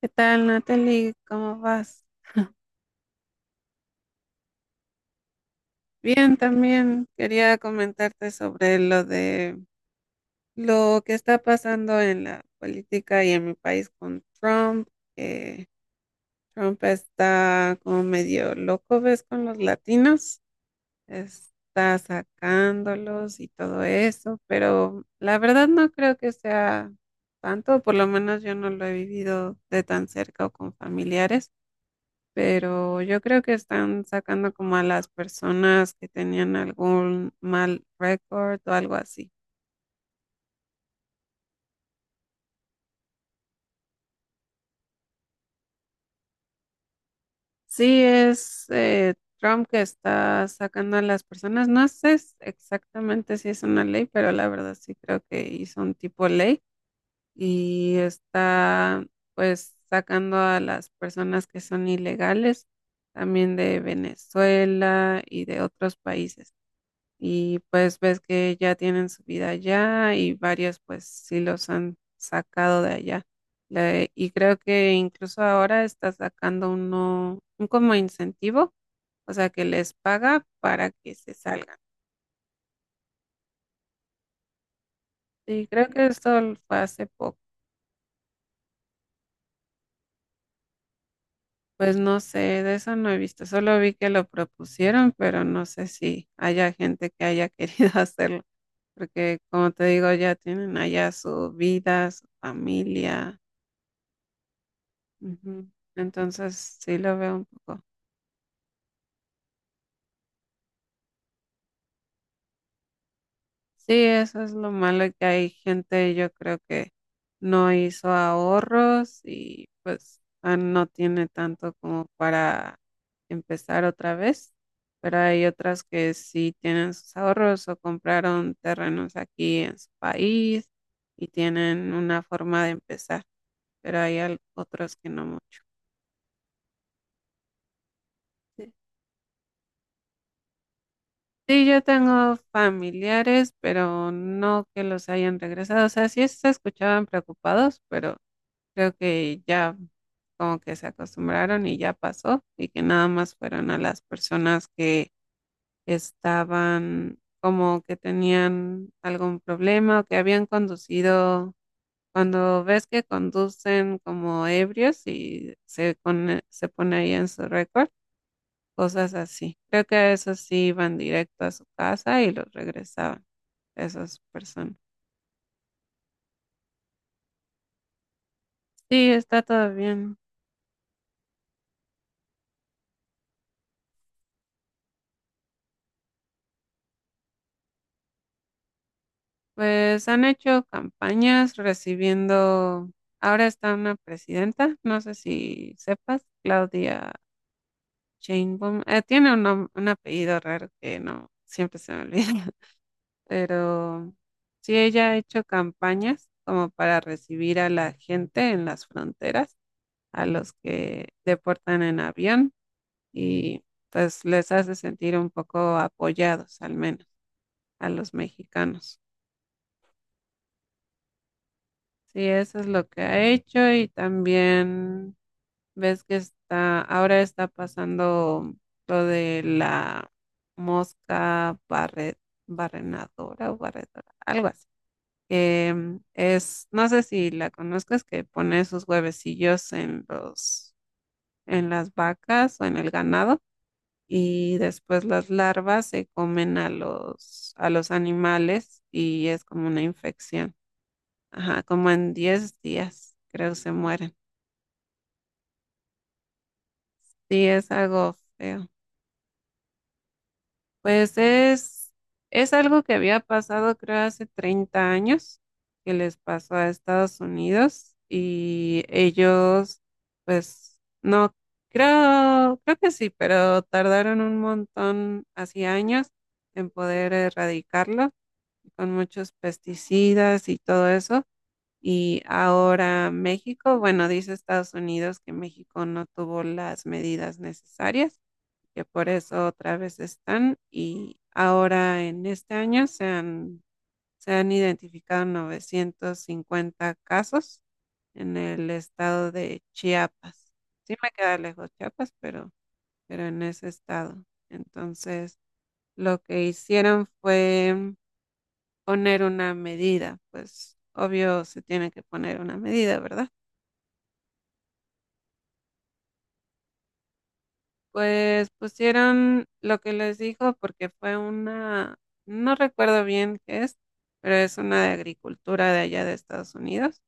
¿Qué tal, Natalie? ¿Cómo vas? Bien, también quería comentarte sobre lo que está pasando en la política y en mi país con Trump, que Trump está como medio loco, ¿ves? Con los latinos, está sacándolos y todo eso, pero la verdad no creo que sea tanto, por lo menos yo no lo he vivido de tan cerca o con familiares. Pero yo creo que están sacando como a las personas que tenían algún mal récord o algo así. Sí, es Trump que está sacando a las personas. No sé exactamente si es una ley, pero la verdad sí creo que hizo un tipo ley y está pues sacando a las personas que son ilegales también de Venezuela y de otros países. Y pues ves que ya tienen su vida allá y varios pues sí los han sacado de allá. Y creo que incluso ahora está sacando un como incentivo, o sea que les paga para que se salgan. Y creo que esto fue hace poco. Pues no sé, de eso no he visto, solo vi que lo propusieron, pero no sé si haya gente que haya querido hacerlo, porque como te digo, ya tienen allá su vida, su familia. Ujú. Entonces, sí lo veo un poco. Sí, eso es lo malo que hay gente, yo creo que no hizo ahorros y pues no tiene tanto como para empezar otra vez, pero hay otras que sí tienen sus ahorros o compraron terrenos aquí en su país y tienen una forma de empezar, pero hay otros que no mucho. Sí, yo tengo familiares, pero no que los hayan regresado. O sea, sí se escuchaban preocupados, pero creo que ya como que se acostumbraron y ya pasó y que nada más fueron a las personas que estaban como que tenían algún problema o que habían conducido. Cuando ves que conducen como ebrios y se pone ahí en su récord cosas así. Creo que esos sí iban directo a su casa y los regresaban, esas personas. Sí, está todo bien. Pues han hecho campañas recibiendo, ahora está una presidenta, no sé si sepas, Claudia Sheinbaum. Tiene un, un apellido raro que no, siempre se me olvida, pero sí, ella ha hecho campañas como para recibir a la gente en las fronteras, a los que deportan en avión y pues les hace sentir un poco apoyados, al menos a los mexicanos. Sí, eso es lo que ha hecho y también ves que está, ahora está pasando lo de la mosca barrenadora o barredora, algo así. Que, es, no sé si la conozcas, que pone sus huevecillos en los, en las vacas o en el ganado y después las larvas se comen a los animales y es como una infección. Ajá, como en 10 días, creo se mueren. Sí, es algo feo. Pues es algo que había pasado, creo, hace 30 años, que les pasó a Estados Unidos y ellos, pues, no, creo que sí, pero tardaron un montón, así años, en poder erradicarlo con muchos pesticidas y todo eso. Y ahora México, bueno, dice Estados Unidos que México no tuvo las medidas necesarias, que por eso otra vez están. Y ahora en este año se han identificado 950 casos en el estado de Chiapas. Sí me queda lejos Chiapas, pero en ese estado. Entonces, lo que hicieron fue poner una medida, pues obvio se tiene que poner una medida, ¿verdad? Pues pusieron lo que les dijo porque fue una, no recuerdo bien qué es, pero es una de agricultura de allá de Estados Unidos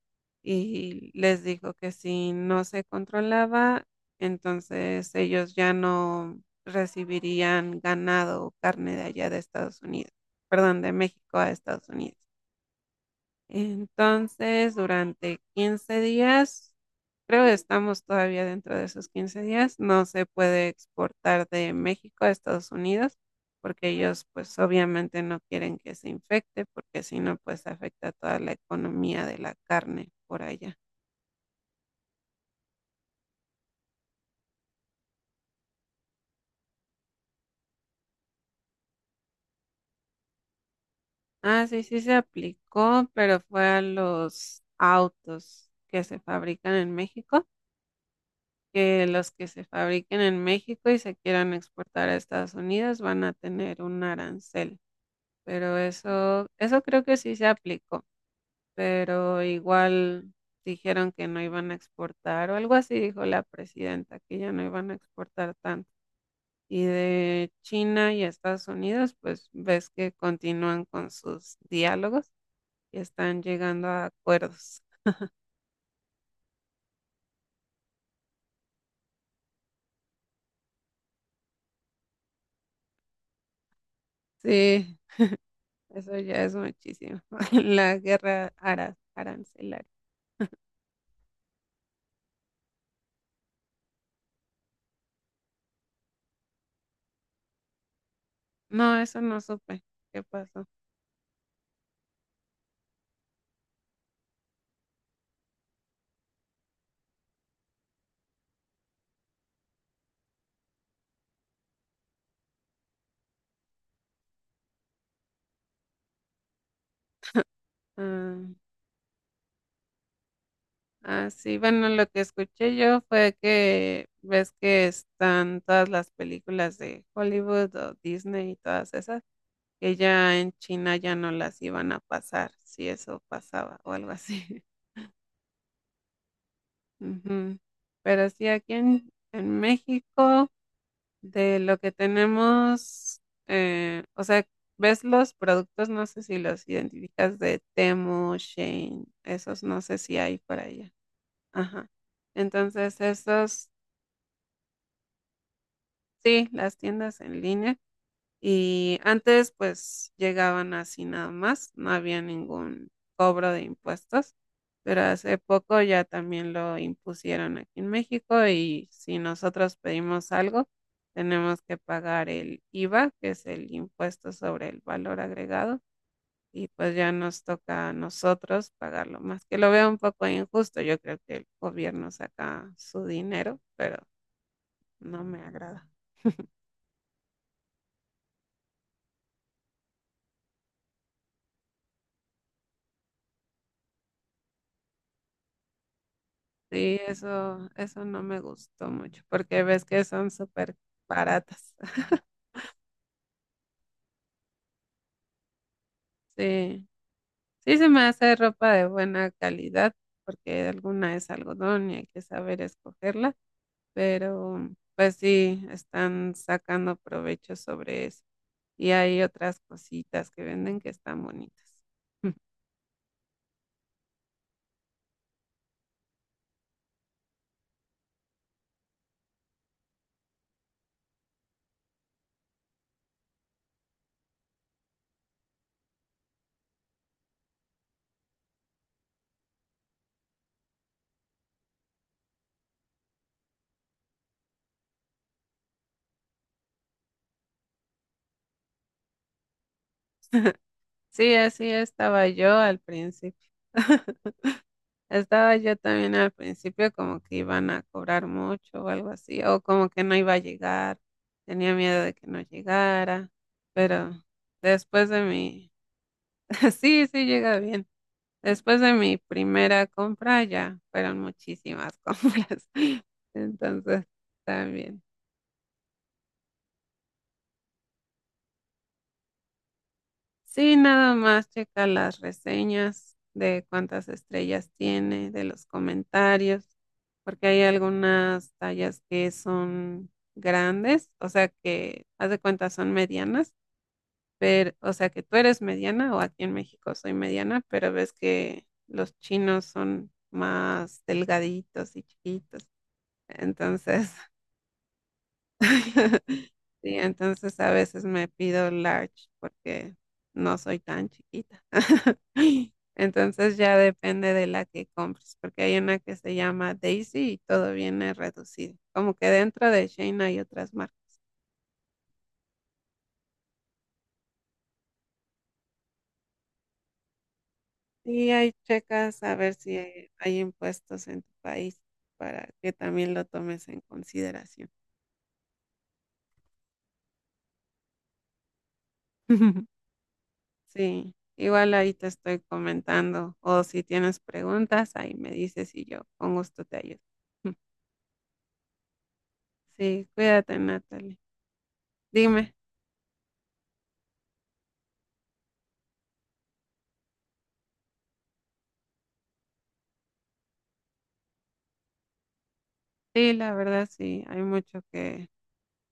y les dijo que si no se controlaba, entonces ellos ya no recibirían ganado o carne de allá de Estados Unidos, perdón, de México a Estados Unidos. Entonces, durante 15 días, creo que estamos todavía dentro de esos 15 días, no se puede exportar de México a Estados Unidos porque ellos pues obviamente no quieren que se infecte porque si no pues afecta toda la economía de la carne por allá. Ah, sí, sí se aplicó, pero fue a los autos que se fabrican en México, que los que se fabriquen en México y se quieran exportar a Estados Unidos van a tener un arancel. Pero eso creo que sí se aplicó, pero igual dijeron que no iban a exportar o algo así dijo la presidenta, que ya no iban a exportar tanto. Y de China y Estados Unidos, pues ves que continúan con sus diálogos y están llegando a acuerdos. Sí, eso ya es muchísimo. La guerra arancelaria. No, eso no supe. ¿Qué pasó? Ah, Ah, sí, bueno, lo que escuché yo fue que ves que están todas las películas de Hollywood o Disney y todas esas, que ya en China ya no las iban a pasar, si eso pasaba o algo así. Ujú. Pero sí, aquí en México, de lo que tenemos, o sea, ves los productos, no sé si los identificas de Temu, Shein, esos no sé si hay por allá. Ajá. Entonces, esos. Sí, las tiendas en línea. Y antes pues llegaban así nada más, no había ningún cobro de impuestos, pero hace poco ya también lo impusieron aquí en México y si nosotros pedimos algo, tenemos que pagar el IVA, que es el impuesto sobre el valor agregado, y pues ya nos toca a nosotros pagarlo más, que lo veo un poco injusto, yo creo que el gobierno saca su dinero, pero no me agrada. Sí, eso no me gustó mucho, porque ves que son súper baratas. Sí, sí se me hace ropa de buena calidad, porque alguna es algodón y hay que saber escogerla, pero pues sí, están sacando provecho sobre eso. Y hay otras cositas que venden que están bonitas. Sí, así estaba yo al principio. Estaba yo también al principio como que iban a cobrar mucho o algo así, o como que no iba a llegar, tenía miedo de que no llegara, pero después de mi, sí, sí llega bien, después de mi primera compra ya fueron muchísimas compras, entonces también. Sí, nada más checa las reseñas de cuántas estrellas tiene, de los comentarios, porque hay algunas tallas que son grandes, o sea que, haz de cuenta, son medianas, pero, o sea que tú eres mediana o aquí en México soy mediana, pero ves que los chinos son más delgaditos y chiquitos. Entonces, sí, entonces a veces me pido large porque no soy tan chiquita. Entonces ya depende de la que compres, porque hay una que se llama Daisy y todo viene reducido. Como que dentro de Shein hay otras marcas. Y ahí checas a ver si hay impuestos en tu país para que también lo tomes en consideración. Sí, igual ahí te estoy comentando o si tienes preguntas, ahí me dices y yo con gusto te ayudo. Sí, cuídate, Natalie. Dime, sí, la verdad sí, hay mucho que,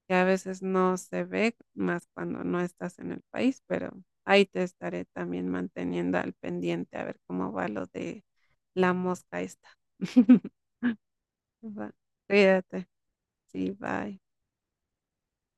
que a veces no se ve más cuando no estás en el país, pero ahí te estaré también manteniendo al pendiente a ver cómo va lo de la mosca esta. Va, cuídate, sí, bye.